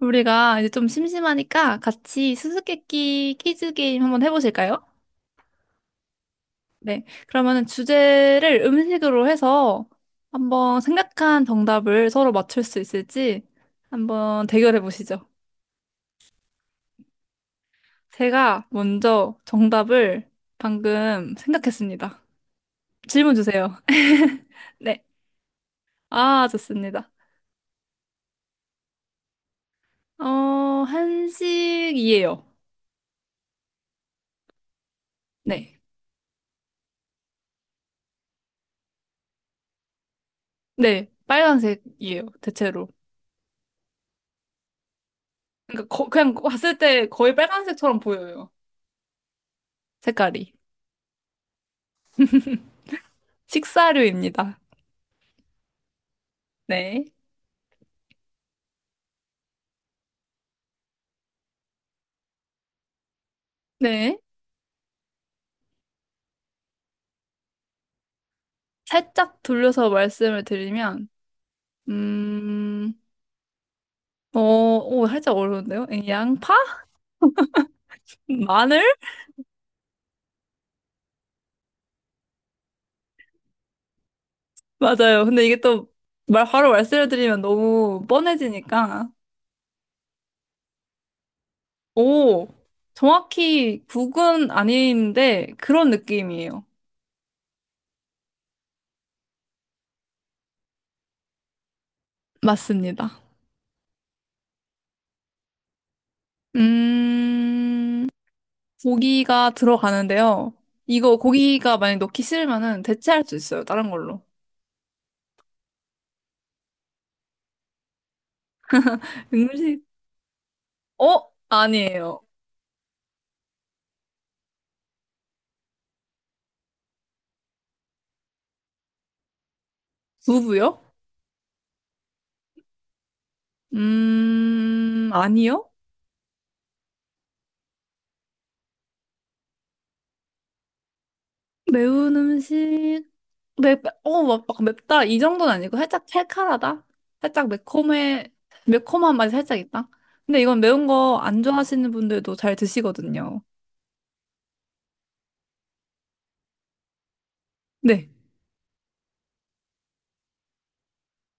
우리가 이제 좀 심심하니까 같이 수수께끼 퀴즈 게임 한번 해보실까요? 네, 그러면은 주제를 음식으로 해서 한번 생각한 정답을 서로 맞출 수 있을지 한번 대결해 보시죠. 제가 먼저 정답을 방금 생각했습니다. 질문 주세요. 네. 아, 좋습니다. 어, 한식이에요. 네. 네. 빨간색이에요. 대체로. 그러니까 그냥 봤을 때 거의 빨간색처럼 보여요. 색깔이. 식사류입니다. 네. 네. 살짝 돌려서 말씀을 드리면, 음, 오, 살짝 어려운데요? 예, 양파? 마늘? 맞아요. 근데 이게 또 바로 말씀을 드리면 너무 뻔해지니까. 오, 정확히 국은 아닌데 그런 느낌이에요. 맞습니다. 음, 고기가 들어가는데요. 이거 고기가 만약 넣기 싫으면은 대체할 수 있어요, 다른 걸로. 음식, 어? 아니에요. 부부요? 아니요. 매운 음식, 막 맵다 이 정도는 아니고 살짝 칼칼하다. 살짝 매콤해, 매콤한 맛이 살짝 있다. 근데 이건 매운 거 안 좋아하시는 분들도 잘 드시거든요. 네.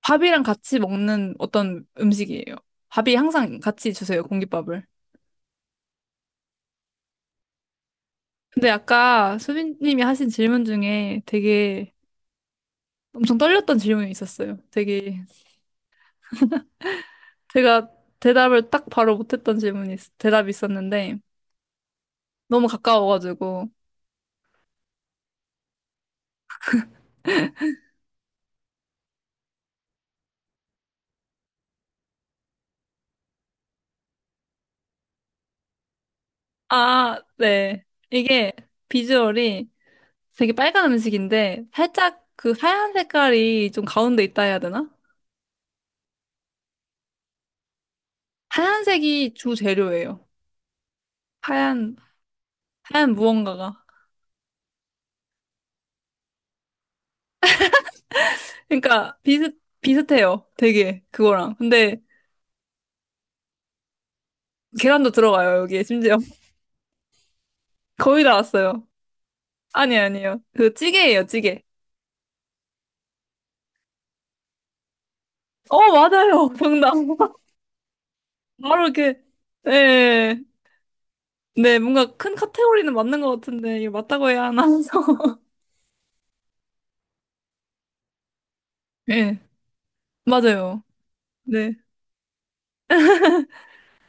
밥이랑 같이 먹는 어떤 음식이에요. 밥이 항상 같이 주세요, 공깃밥을. 근데 아까 수빈님이 하신 질문 중에 되게 엄청 떨렸던 질문이 있었어요. 되게 제가 대답을 딱 바로 못했던 대답이 있었는데, 너무 가까워가지고. 아, 네. 이게 비주얼이 되게 빨간 음식인데, 살짝 그 하얀 색깔이 좀 가운데 있다 해야 되나? 하얀색이 주 재료예요. 하얀, 하얀 무언가가. 그러니까 비슷해요, 되게, 그거랑. 근데 계란도 들어가요, 여기에 심지어. 거의 다 왔어요. 아니, 아니에요. 그 찌개예요, 찌개. 어, 맞아요. 정답. 바로 이렇게. 네. 네, 뭔가 큰 카테고리는 맞는 것 같은데, 이거 맞다고 해야 하나 해서. 네, 맞아요. 네,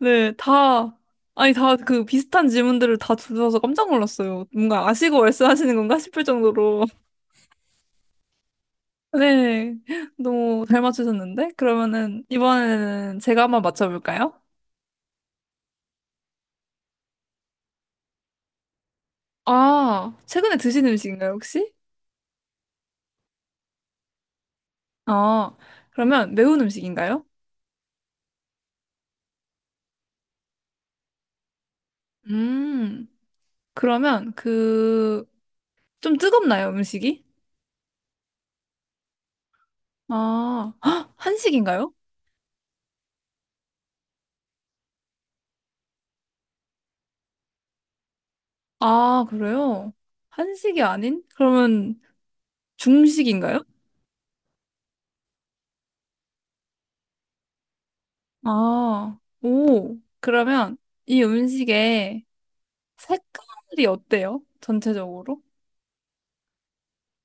네, 다, 아니, 다 그 비슷한 질문들을 다 주셔서 깜짝 놀랐어요. 뭔가 아시고 말씀하시는 건가 싶을 정도로. 네, 너무 잘 맞추셨는데? 그러면은, 이번에는 제가 한번 맞춰볼까요? 아, 최근에 드신 음식인가요, 혹시? 아, 그러면 매운 음식인가요? 음, 그러면 좀 뜨겁나요, 음식이? 아, 헉, 한식인가요? 아, 그래요? 한식이 아닌? 그러면 중식인가요? 아, 오. 그러면 이 음식의 색깔이 어때요? 전체적으로?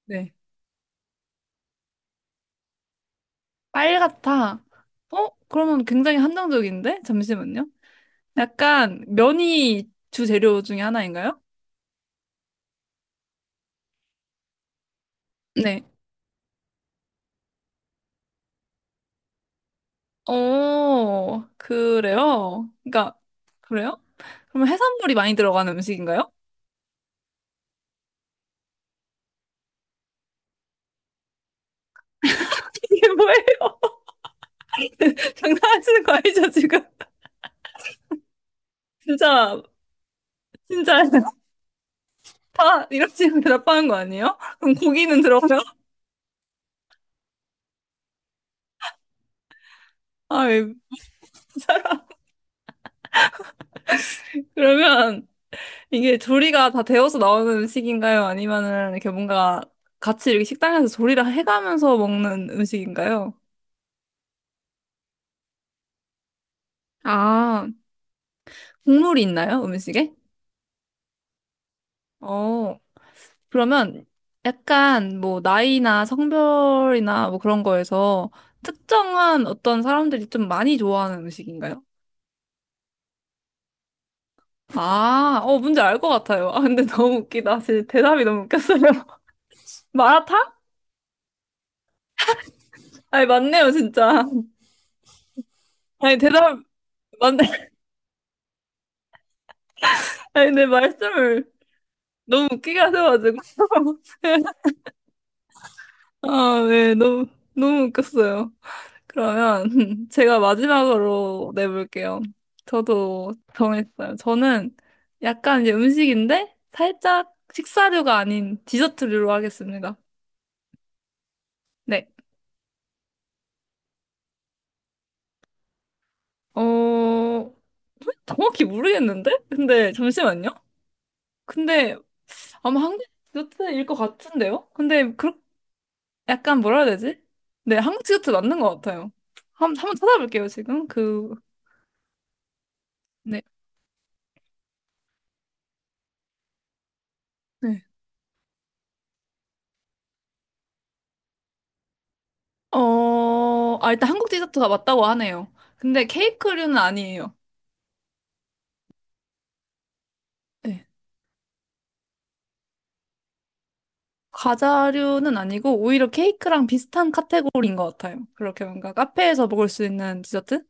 네. 빨갛다. 어? 그러면 굉장히 한정적인데? 잠시만요. 약간 면이 주재료 중에 하나인가요? 네. 어, 그래요? 그러니까, 그래요? 그럼 해산물이 많이 들어가는 음식인가요? 이게 뭐예요? 장난하시는 거 아니죠, 지금? 진짜, 진짜 다 이런 식으로 대답하는 거 아니에요? 그럼 고기는 들어가요? 아, 예. 그러면 이게 조리가 다 되어서 나오는 음식인가요? 아니면은 이렇게 뭔가 같이 이렇게 식당에서 조리를 해가면서 먹는 음식인가요? 아, 국물이 있나요? 음식에? 어, 그러면 약간 뭐 나이나 성별이나 뭐 그런 거에서 특정한 어떤 사람들이 좀 많이 좋아하는 음식인가요? 아, 어, 뭔지 알 것 같아요. 아, 근데 너무 웃기다. 진짜 대답이 너무 웃겼어요. 마라탕? 아니, 맞네요, 진짜. 아니, 대답, 맞네. 아니, 내 말씀을 너무 웃기게 하셔가지고. 아, 네, 너무, 너무 웃겼어요. 그러면 제가 마지막으로 내볼게요. 저도 정했어요. 저는 약간 이제 음식인데 살짝 식사류가 아닌 디저트류로 하겠습니다. 네. 어, 정확히 모르겠는데? 근데 잠시만요. 근데 아마 한국 디저트일 것 같은데요? 근데 그 약간 뭐라 해야 되지? 네, 한국 디저트 맞는 것 같아요. 한, 한번 찾아볼게요, 지금. 그, 네. 네. 어, 아, 일단 한국 디저트가 맞다고 하네요. 근데 케이크류는 아니에요. 네. 과자류는 아니고 오히려 케이크랑 비슷한 카테고리인 것 같아요. 그렇게 뭔가 카페에서 먹을 수 있는 디저트?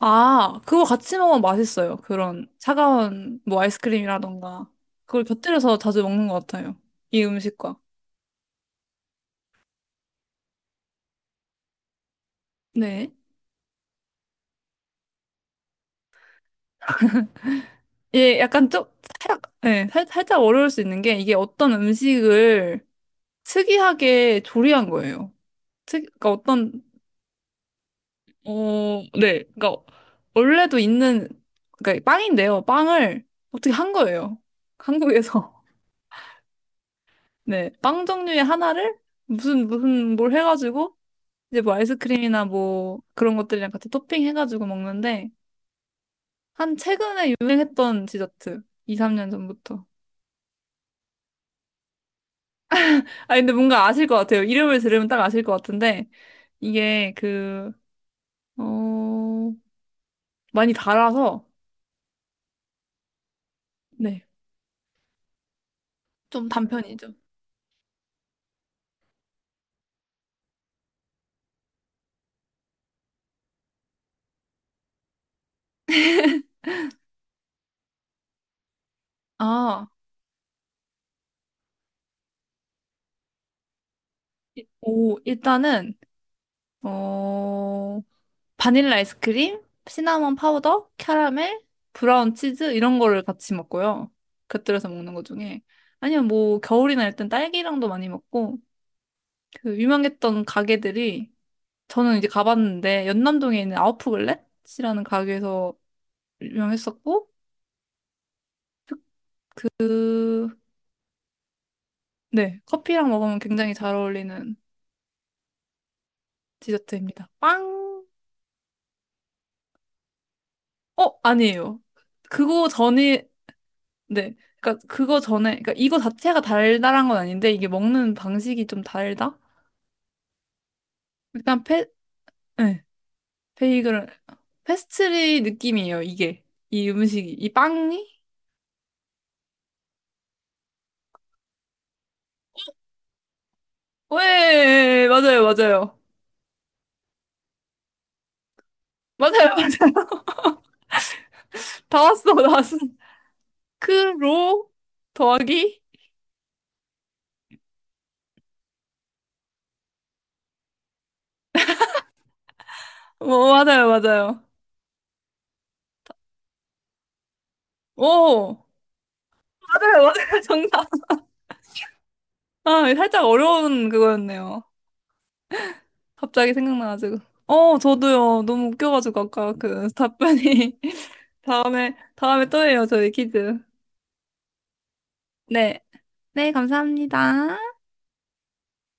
아, 그거 같이 먹으면 맛있어요. 그런 차가운 뭐 아이스크림이라던가. 그걸 곁들여서 자주 먹는 것 같아요, 이 음식과. 네. 예, 약간 좀, 살짝 어려울 수 있는 게 이게 어떤 음식을 특이하게 조리한 거예요. 그러니까 어떤, 어, 네. 그러니까 원래도 있는, 그러니까 빵인데요. 빵을 어떻게 한 거예요, 한국에서. 네. 빵 종류의 하나를 무슨 뭘 해가지고 이제 뭐 아이스크림이나 뭐 그런 것들이랑 같이 토핑해가지고 먹는데 한 최근에 유행했던 디저트 2, 3년 전부터. 아 근데 뭔가 아실 것 같아요. 이름을 들으면 딱 아실 것 같은데 이게 그, 어, 많이 달아서 네, 좀 단편이죠. 아, 오, 일단은 어, 바닐라 아이스크림, 시나몬 파우더, 캐러멜, 브라운 치즈 이런 거를 같이 먹고요, 곁들여서 먹는 것 중에. 아니면 뭐 겨울이나 일단 딸기랑도 많이 먹고 그 유명했던 가게들이 저는 이제 가봤는데 연남동에 있는 아웃프글렛이라는 가게에서 유명했었고 그 네, 커피랑 먹으면 굉장히 잘 어울리는 디저트입니다. 빵! 어, 아니에요. 그거 전이 네. 그러니까 그거 전에, 그러니까 이거 자체가 달달한 건 아닌데 이게 먹는 방식이 좀 달다? 약간 페, 네. 베이글, 페스트리 느낌이에요. 이게 이 음식이 이 빵이? 왜 맞아요, 맞아요, 맞아요, 맞아요. 다 왔어, 다 왔어. 크로 더하기? 오, 맞아요, 맞아요. 오, 맞아요, 맞아요. 정답. 아, 살짝 어려운 그거였네요. 갑자기 생각나가지고. 어, 저도요. 너무 웃겨가지고 아까 그 답변이. 다음에, 다음에 또 해요, 저희 퀴즈. 네. 네, 감사합니다.